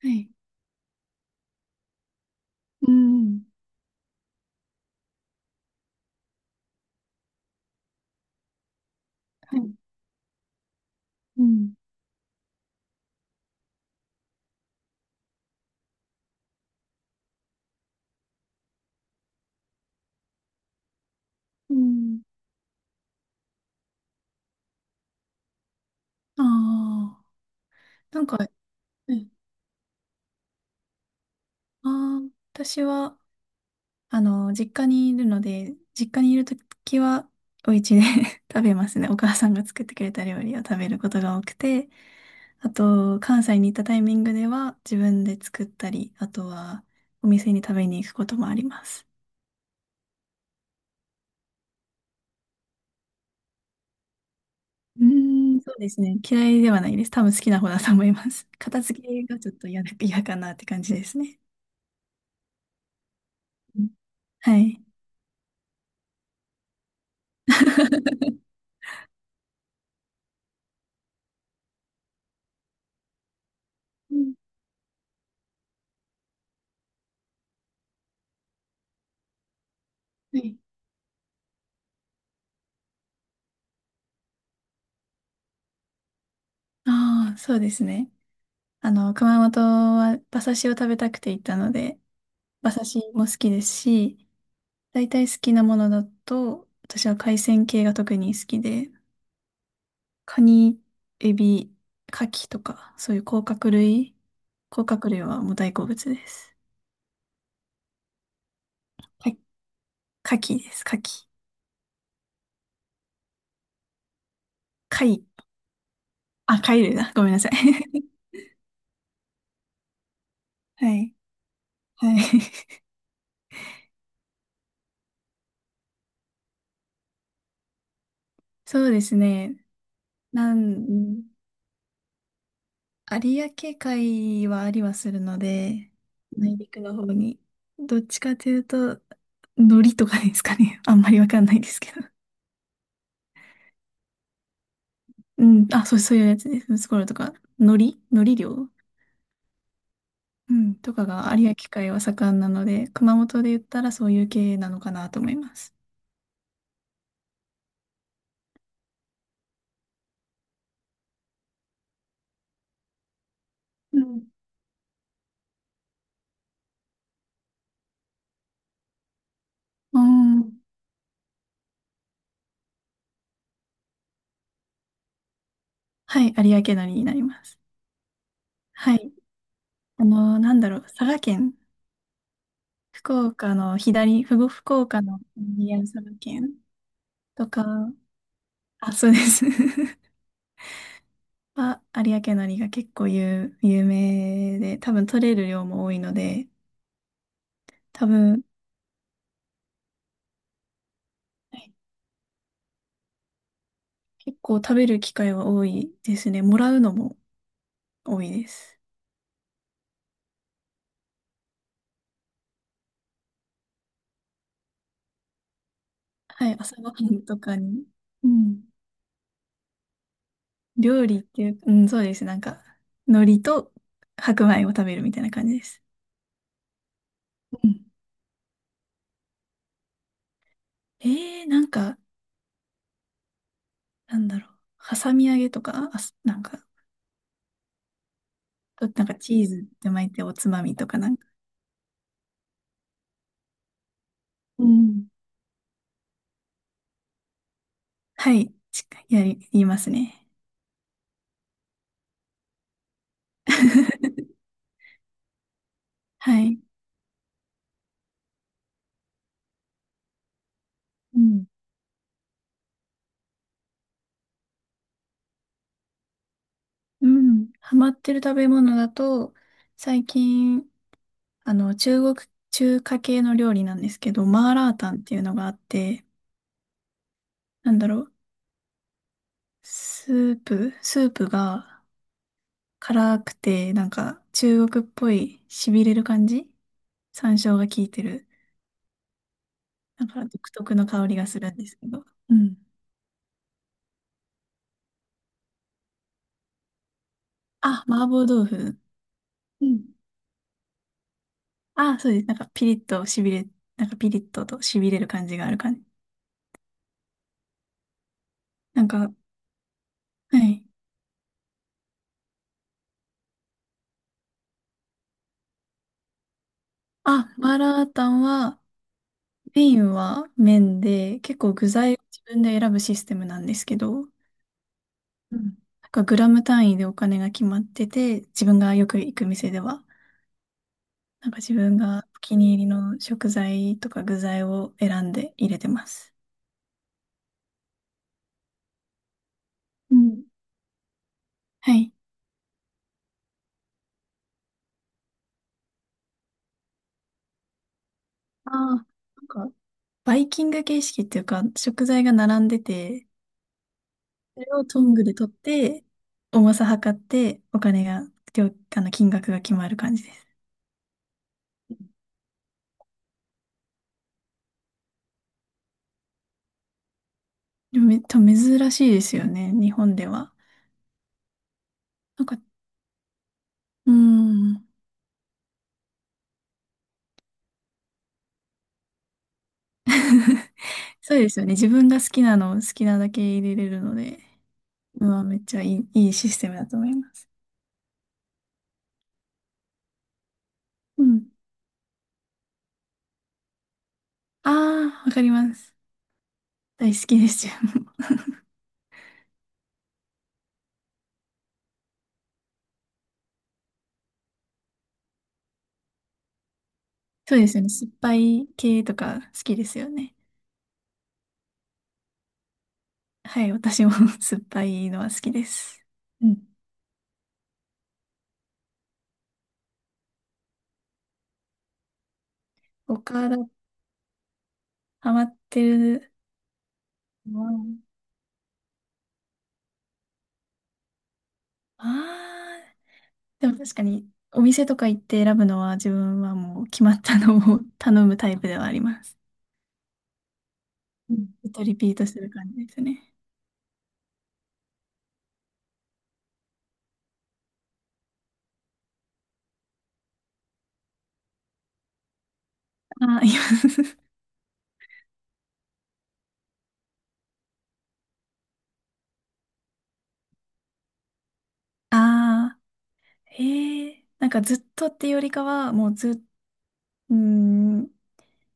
はい。うん。はい。うん。うん。ああ。なんか、あ私は、あの、実家にいるので、実家にいるときは、お家で 食べますね。お母さんが作ってくれた料理を食べることが多くて、あと、関西に行ったタイミングでは、自分で作ったり、あとは、お店に食べに行くこともあります。うーそうですね。嫌いではないです。多分好きな方だと思います。片付けがちょっと嫌かなって感じですね。うん。はい。うん。はい。ああ、そうですね。あの、熊本は馬刺しを食べたくて行ったので、馬刺しも好きですし、大体好きなものだと、私は海鮮系が特に好きで、カニ、エビ、カキとか、そういう甲殻類。甲殻類はもう大好物です。かカキです、カキ。貝。あ、貝類だ。ごめんなさい。はい。はい。そうですね。なん、有明海はありはするので、内陸の方に。どっちかというと、海苔とかですかね。あんまりわかんないですけど。うん。あ、そういうやつです。ムツゴロウとか。海苔海苔漁うん。とかが有明海は盛んなので、熊本で言ったらそういう系なのかなと思います。うん。うん。はい。有明海苔になります。はい。あの、なんだろう。佐賀県。福岡の佐賀県とか、あ、そうです。あ、有明海苔が結構有、有名で、多分取れる量も多いので、多分、はい。結構食べる機会は多いですね。もらうのも多いです。はい、朝ごはんとかに。うん。料理っていう、うん、そうです。なんか、海苔と白米を食べるみたいな感じです。うん。えー、なんか、なんだろう。挟み揚げとか、あ、すなんか、なんかチーズって巻いておつまみとかなんか。うん。はい、しっかりやり、言いますね。はい。うん。うん。ハマってる食べ物だと、最近、あの、中華系の料理なんですけど、マーラータンっていうのがあって、なんだろう、スープが辛くて、なんか中国っぽい痺れる感じ、山椒が効いてる。なんか独特の香りがするんですけど。うん。あ、麻婆豆腐。うん。あ、そうです。なんかピリッと痺れ、なんかピリッと痺れる感じがある感じ。なんか、はい。あ、マーラータンは、麺は麺で、結構具材を自分で選ぶシステムなんですけど、うん、なんかグラム単位でお金が決まってて、自分がよく行く店では、なんか自分がお気に入りの食材とか具材を選んで入れてます。うん。はい。ああ、なんか、バイキング形式っていうか、食材が並んでて、それをトングで取って、重さ測って、お金が、料あの、金額が決まる感じです。でもめっちゃ珍しいですよね、日本では。なんか、うーん。そうですよね。自分が好きなのを好きなだけ入れれるので、うん、めっちゃいい、いいシステムだと思います。うん。ああ、わかります。大好きですよ。そうですよね。酸っぱい系とか好きですよね。はい、私も 酸っぱいのは好きです。うん。他だ、ハマってる。ああ、でも確かに、お店とか行って選ぶのは自分はもう決まったのを 頼むタイプではあります。うん、ずっとリピートする感じですね。ああ、います。ああ、へえ。なんかずっとっていうよりかは、もうずっ、うーん、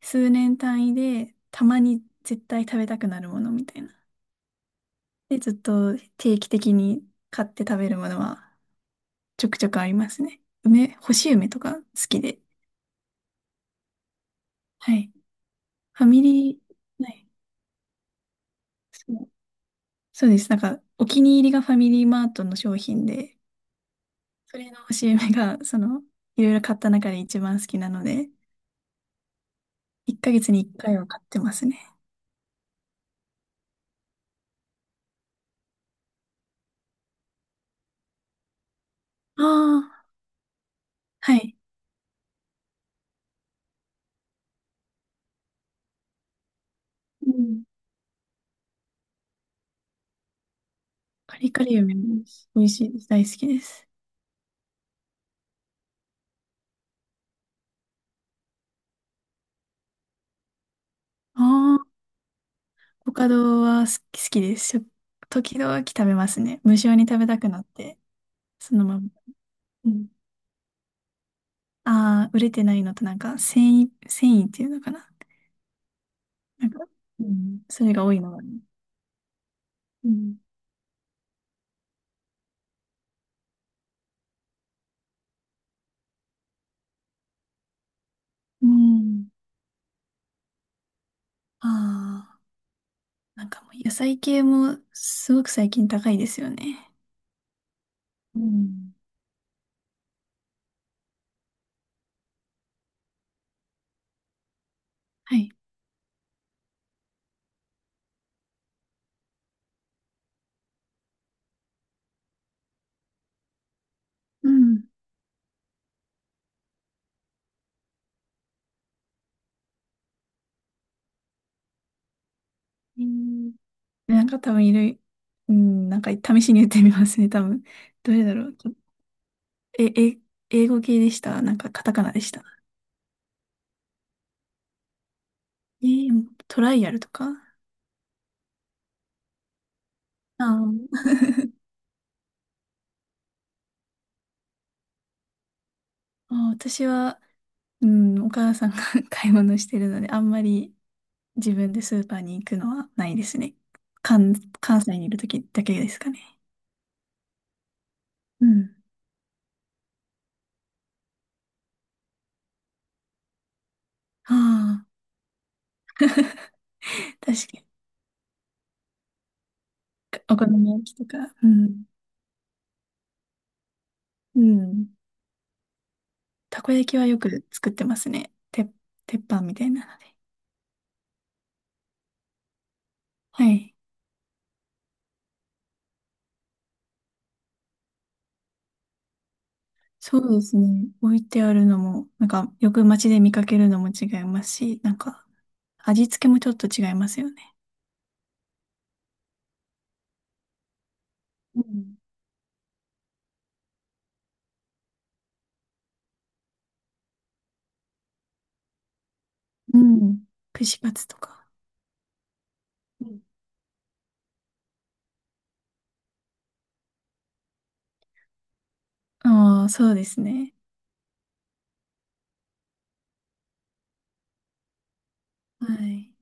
数年単位で、たまに絶対食べたくなるものみたいな。で、ずっと定期的に買って食べるものはちょくちょくありますね。干し梅とか好きで。はい。ファミリー、はい。そうです。なんか、お気に入りがファミリーマートの商品で、それの CM が、その、いろいろ買った中で一番好きなので、1ヶ月に1回は買ってますね。ああ、はい。うん。カリカリ梅も美味しいです。大好きです。ああ、コカドは好き、好きです。時々食べますね。無性に食べたくなって、そのまま。うん。ああ、売れてないのとなんか、繊維っていうのかな。なんか、うん、それが多いのがね。うん。うん。ああ。なんかもう野菜系もすごく最近高いですよね。うん。はい。うん。えー、なんか多分いる、うん、なんか試しに言ってみますね、多分。どれだろう。え、英語系でした？なんかカタカナでした？えートライアルとか。あー、あー、私は、うん、お母さんが 買い物してるので、あんまり自分でスーパーに行くのはないですね。関、関西にいるときだけですかね。うん。ああ、確かに。お好み焼きとか。うん。うん。たこ焼きはよく作ってますね。鉄板みたいなので。はい。そうですね。置いてあるのも、なんか、よく街で見かけるのも違いますし、なんか、味付けもちょっと違いますよね。うん。うん。串カツとか。ああー、そうですね。はい。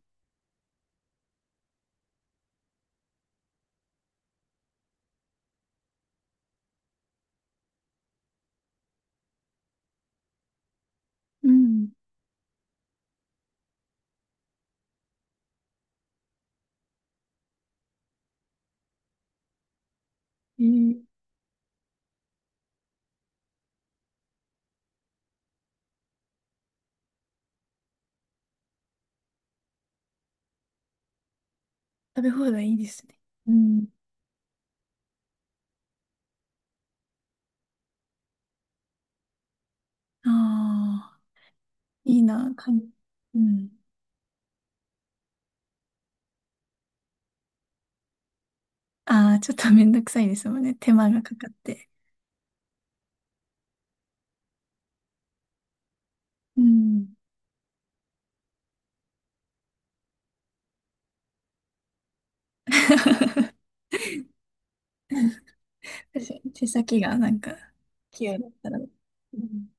うん。えー、食べ放題いいですね。うん。ああ、いいな、かん、うん。ああ、ちょっとめんどくさいですもんね。手間がかかって。うん。手先がなんか、器用だったら。うん。